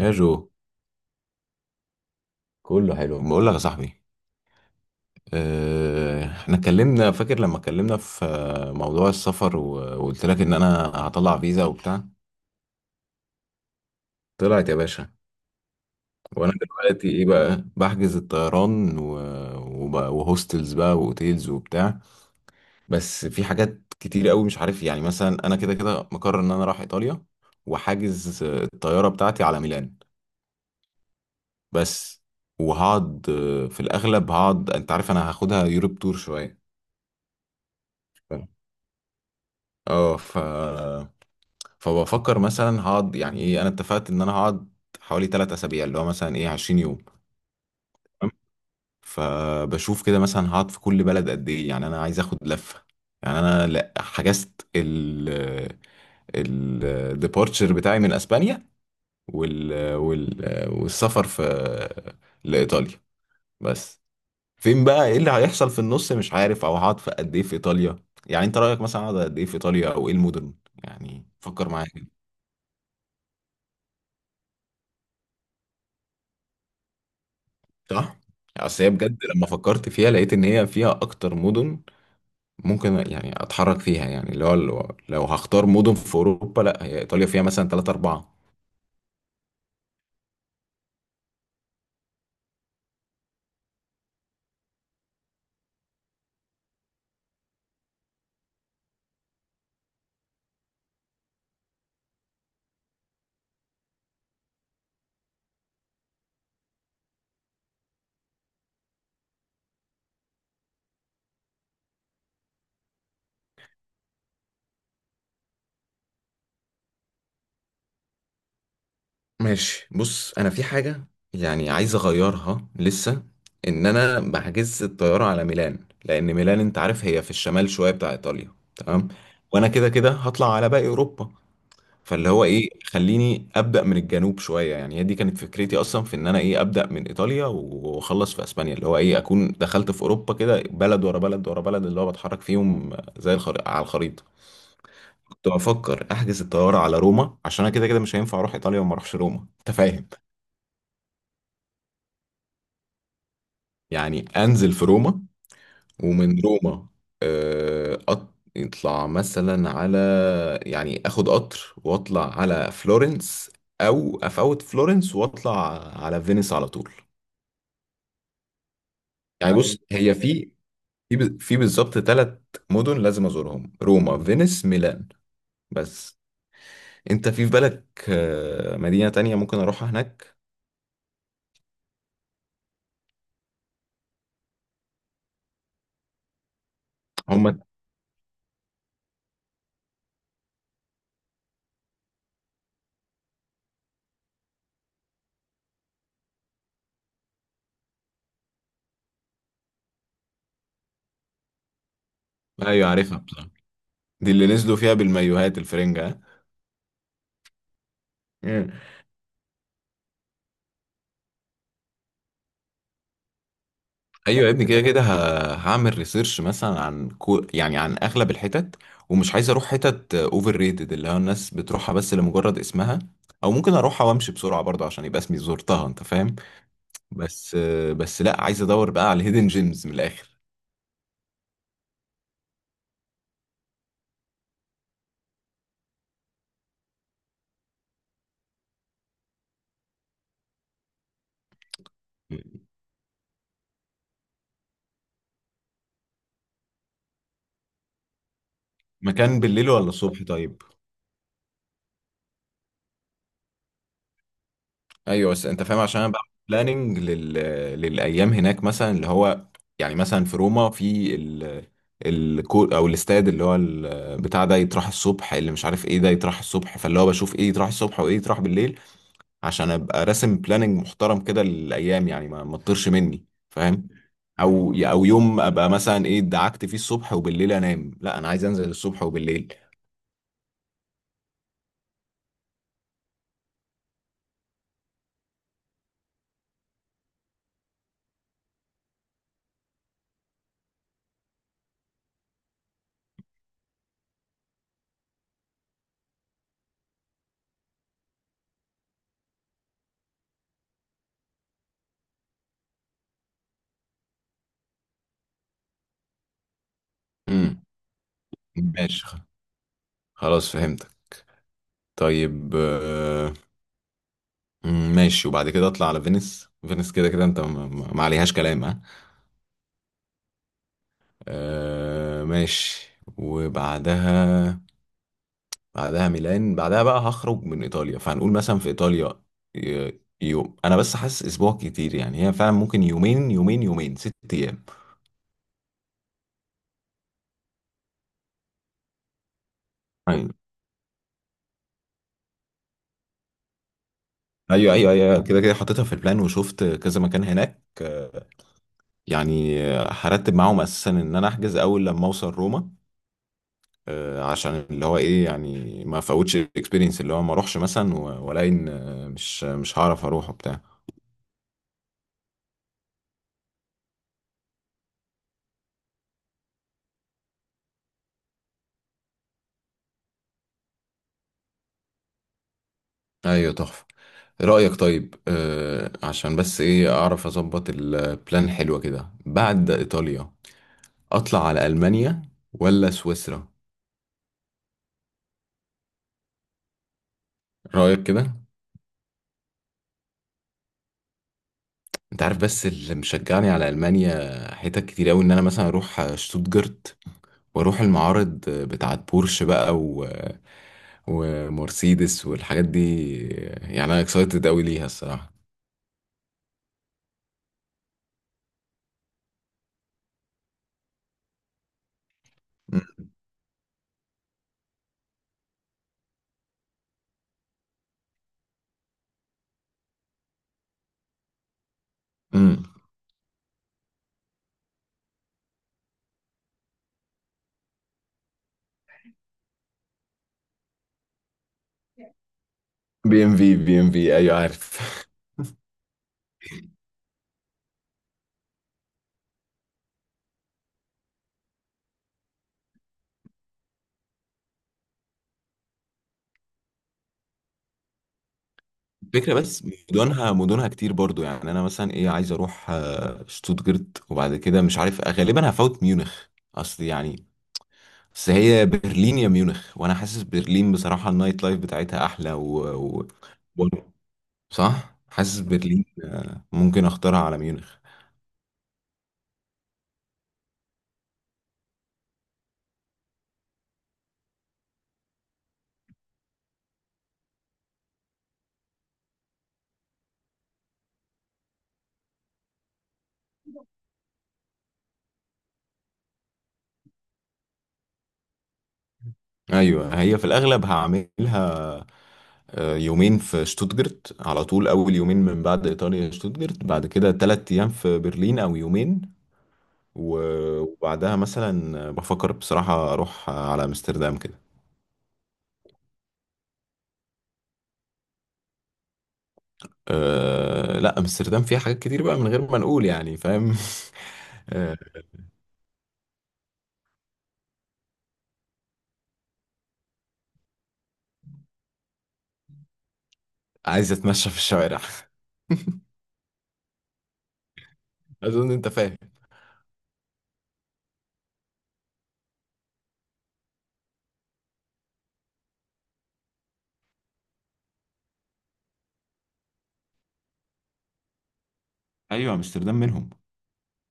يا جو، كله حلو بقول لك يا صاحبي. احنا اتكلمنا فاكر لما اتكلمنا في موضوع السفر وقلت لك ان انا هطلع فيزا وبتاع. طلعت يا باشا. وانا دلوقتي ايه بقى بحجز الطيران وبقى وهوستلز بقى واوتيلز وبتاع. بس في حاجات كتير قوي مش عارف، يعني مثلا انا كده كده مقرر ان انا رايح ايطاليا، وحاجز الطياره بتاعتي على ميلان بس. وهقعد في الاغلب هقعد، انت عارف انا هاخدها يوروب تور شويه. اه ف فبفكر مثلا هقعد، يعني ايه، انا اتفقت ان انا هقعد حوالي 3 اسابيع، اللي هو مثلا ايه 20 يوم، تمام. فبشوف كده مثلا هقعد في كل بلد قد ايه، يعني انا عايز اخد لفة. يعني انا لا حجزت الديبارتشر بتاعي من اسبانيا، والسفر في لايطاليا بس. فين بقى ايه اللي هيحصل في النص مش عارف، او هقعد في قد ايه في ايطاليا؟ يعني انت رايك مثلا اقعد قد ايه في ايطاليا، او ايه المدن؟ يعني فكر معايا. صح، اصل هي بجد لما فكرت فيها لقيت ان هي فيها اكتر مدن ممكن يعني اتحرك فيها، يعني اللي هو لو هختار مدن في اوروبا، لا، هي ايطاليا فيها مثلا 3 4. ماشي بص، انا في حاجة يعني عايز اغيرها لسه، ان انا بحجز الطيارة على ميلان. لان ميلان انت عارف هي في الشمال شوية بتاع ايطاليا، تمام. وانا كده كده هطلع على باقي اوروبا، فاللي هو ايه، خليني ابدا من الجنوب شويه. يعني هي دي كانت فكرتي اصلا، في ان انا ايه ابدا من ايطاليا واخلص في اسبانيا، اللي هو ايه اكون دخلت في اوروبا كده بلد ورا بلد ورا بلد، اللي هو بتحرك فيهم زي الخريطه، على الخريطه. كنت بفكر احجز الطياره على روما، عشان انا كده كده مش هينفع اروح ايطاليا وما اروحش روما، انت فاهم. يعني انزل في روما ومن روما يطلع مثلا على، يعني اخد قطر واطلع على فلورنس، او افوت فلورنس واطلع على فينيس على طول. يعني ايوه بص، هي في بالظبط 3 مدن لازم ازورهم: روما، فينيس، ميلان. بس انت في بالك مدينة تانية ممكن اروحها هناك؟ هم، ايوه عارفها بصراحة، دي اللي نزلوا فيها بالمايوهات الفرنجة. ها؟ ايوه يا ابني، كده كده هعمل ريسيرش مثلا عن كو، يعني عن اغلب الحتت، ومش عايز اروح حتت اوفر ريتد، اللي هو الناس بتروحها بس لمجرد اسمها، او ممكن اروحها وامشي بسرعه برضه عشان يبقى اسمي زرتها، انت فاهم. بس. لا عايز ادور بقى على الهيدن جيمز من الاخر. مكان بالليل ولا الصبح طيب؟ ايوه بس انت فاهم، عشان انا بعمل بلاننج للايام هناك، مثلا اللي هو يعني مثلا في روما في الكو، او الاستاد، اللي هو بتاع ده يتراح الصبح، اللي مش عارف ايه ده يتراح الصبح، فاللي هو بشوف ايه يتراح الصبح وايه يتراح بالليل، عشان ابقى راسم بلاننج محترم كده للايام، يعني ما تطيرش مني فاهم. او يوم ابقى مثلا ايه دعكت فيه الصبح وبالليل انام، لا انا عايز انزل الصبح وبالليل. امم ماشي، خلاص فهمتك. طيب، ماشي، وبعد كده اطلع على فينيس. فينيس كده كده انت ما عليهاش كلام، ها. آه ماشي، وبعدها بعدها ميلان، بعدها بقى هخرج من ايطاليا. فهنقول مثلا في ايطاليا يوم، انا بس حاسس اسبوع كتير، يعني هي فعلا ممكن يومين يومين يومين، 6 ايام. ايوه ايوه ايوه أيوة، كده كده حطيتها في البلان وشفت كذا مكان هناك. يعني هرتب معاهم اساسا ان انا احجز اول لما اوصل روما، عشان اللي هو ايه، يعني ما فوتش الاكسبيرينس، اللي هو ما اروحش مثلا والاقي ان مش هعرف اروح وبتاع. ايوه تحفه. إيه رايك طيب عشان بس ايه اعرف اظبط البلان، حلوه كده بعد ايطاليا اطلع على المانيا ولا سويسرا؟ رايك كده. انت عارف، بس اللي مشجعني على المانيا حتت كتير قوي، ان انا مثلا اروح شتوتجارت، واروح المعارض بتاعت بورش بقى ومرسيدس والحاجات دي. يعني انا اكسايتد قوي ليها الصراحه. امم، بي ام في، بي ام في، ايوه عارف. الفكره بس مدنها مدنها كتير برضو، يعني انا مثلا ايه عايز اروح شتوتجرت، وبعد كده مش عارف غالبا هفوت ميونخ. اصل يعني، بس هي برلين يا ميونخ، وانا حاسس برلين بصراحه النايت لايف بتاعتها احلى و... و... صح، حاسس برلين ممكن اختارها على ميونخ. ايوه هي في الاغلب هعملها يومين في شتوتجرت على طول، اول يومين من بعد ايطاليا شتوتجرت، بعد كده 3 ايام في برلين او يومين، وبعدها مثلا بفكر بصراحة اروح على امستردام كده. أه لا امستردام فيها حاجات كتير بقى من غير ما نقول، يعني فاهم. أه، عايز اتمشى في الشوارع. اظن انت فاهم. ايوه امستردام منهم.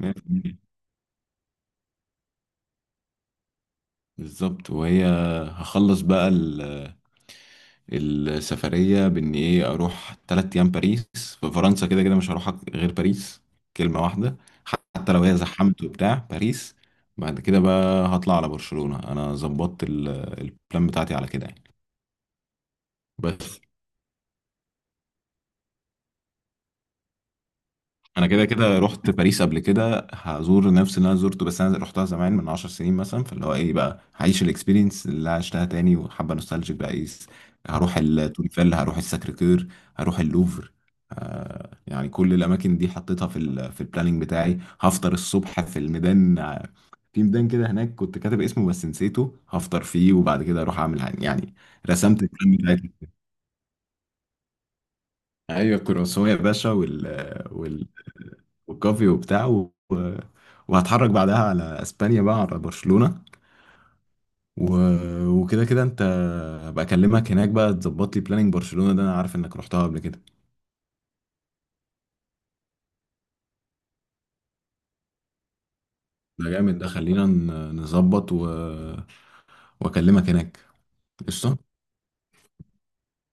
100% بالظبط. وهي، هخلص بقى السفرية بإن إيه أروح 3 أيام باريس، في فرنسا كده كده مش هروح غير باريس، كلمة واحدة، حتى لو هي زحمت وبتاع باريس. بعد كده بقى هطلع على برشلونة، أنا ظبطت البلان بتاعتي على كده يعني. بس انا كده كده رحت باريس قبل كده، هزور نفس اللي انا زرته، بس انا رحتها زمان من 10 سنين مثلا، فاللي هو ايه بقى هعيش الاكسبيرينس اللي عشتها تاني، وحابه نوستالجيك بقى ايه. هروح التور ايفل، هروح الساكريكير، هروح اللوفر. آه يعني كل الاماكن دي حطيتها في ال في البلاننج بتاعي. هفطر الصبح في الميدان، في ميدان كده هناك كنت كاتب اسمه بس نسيته، هفطر فيه، وبعد كده اروح اعمل يعني رسمت البلان بتاعي. ايوه الكرواسون يا باشا وكافي وبتاع وهتحرك بعدها على اسبانيا بقى، على برشلونة و... وكده كده انت، هبقى اكلمك هناك بقى تظبط لي بلاننج برشلونة، ده انا عارف انك رحتها قبل كده. ده جامد، ده خلينا نظبط واكلمك هناك. قشطة.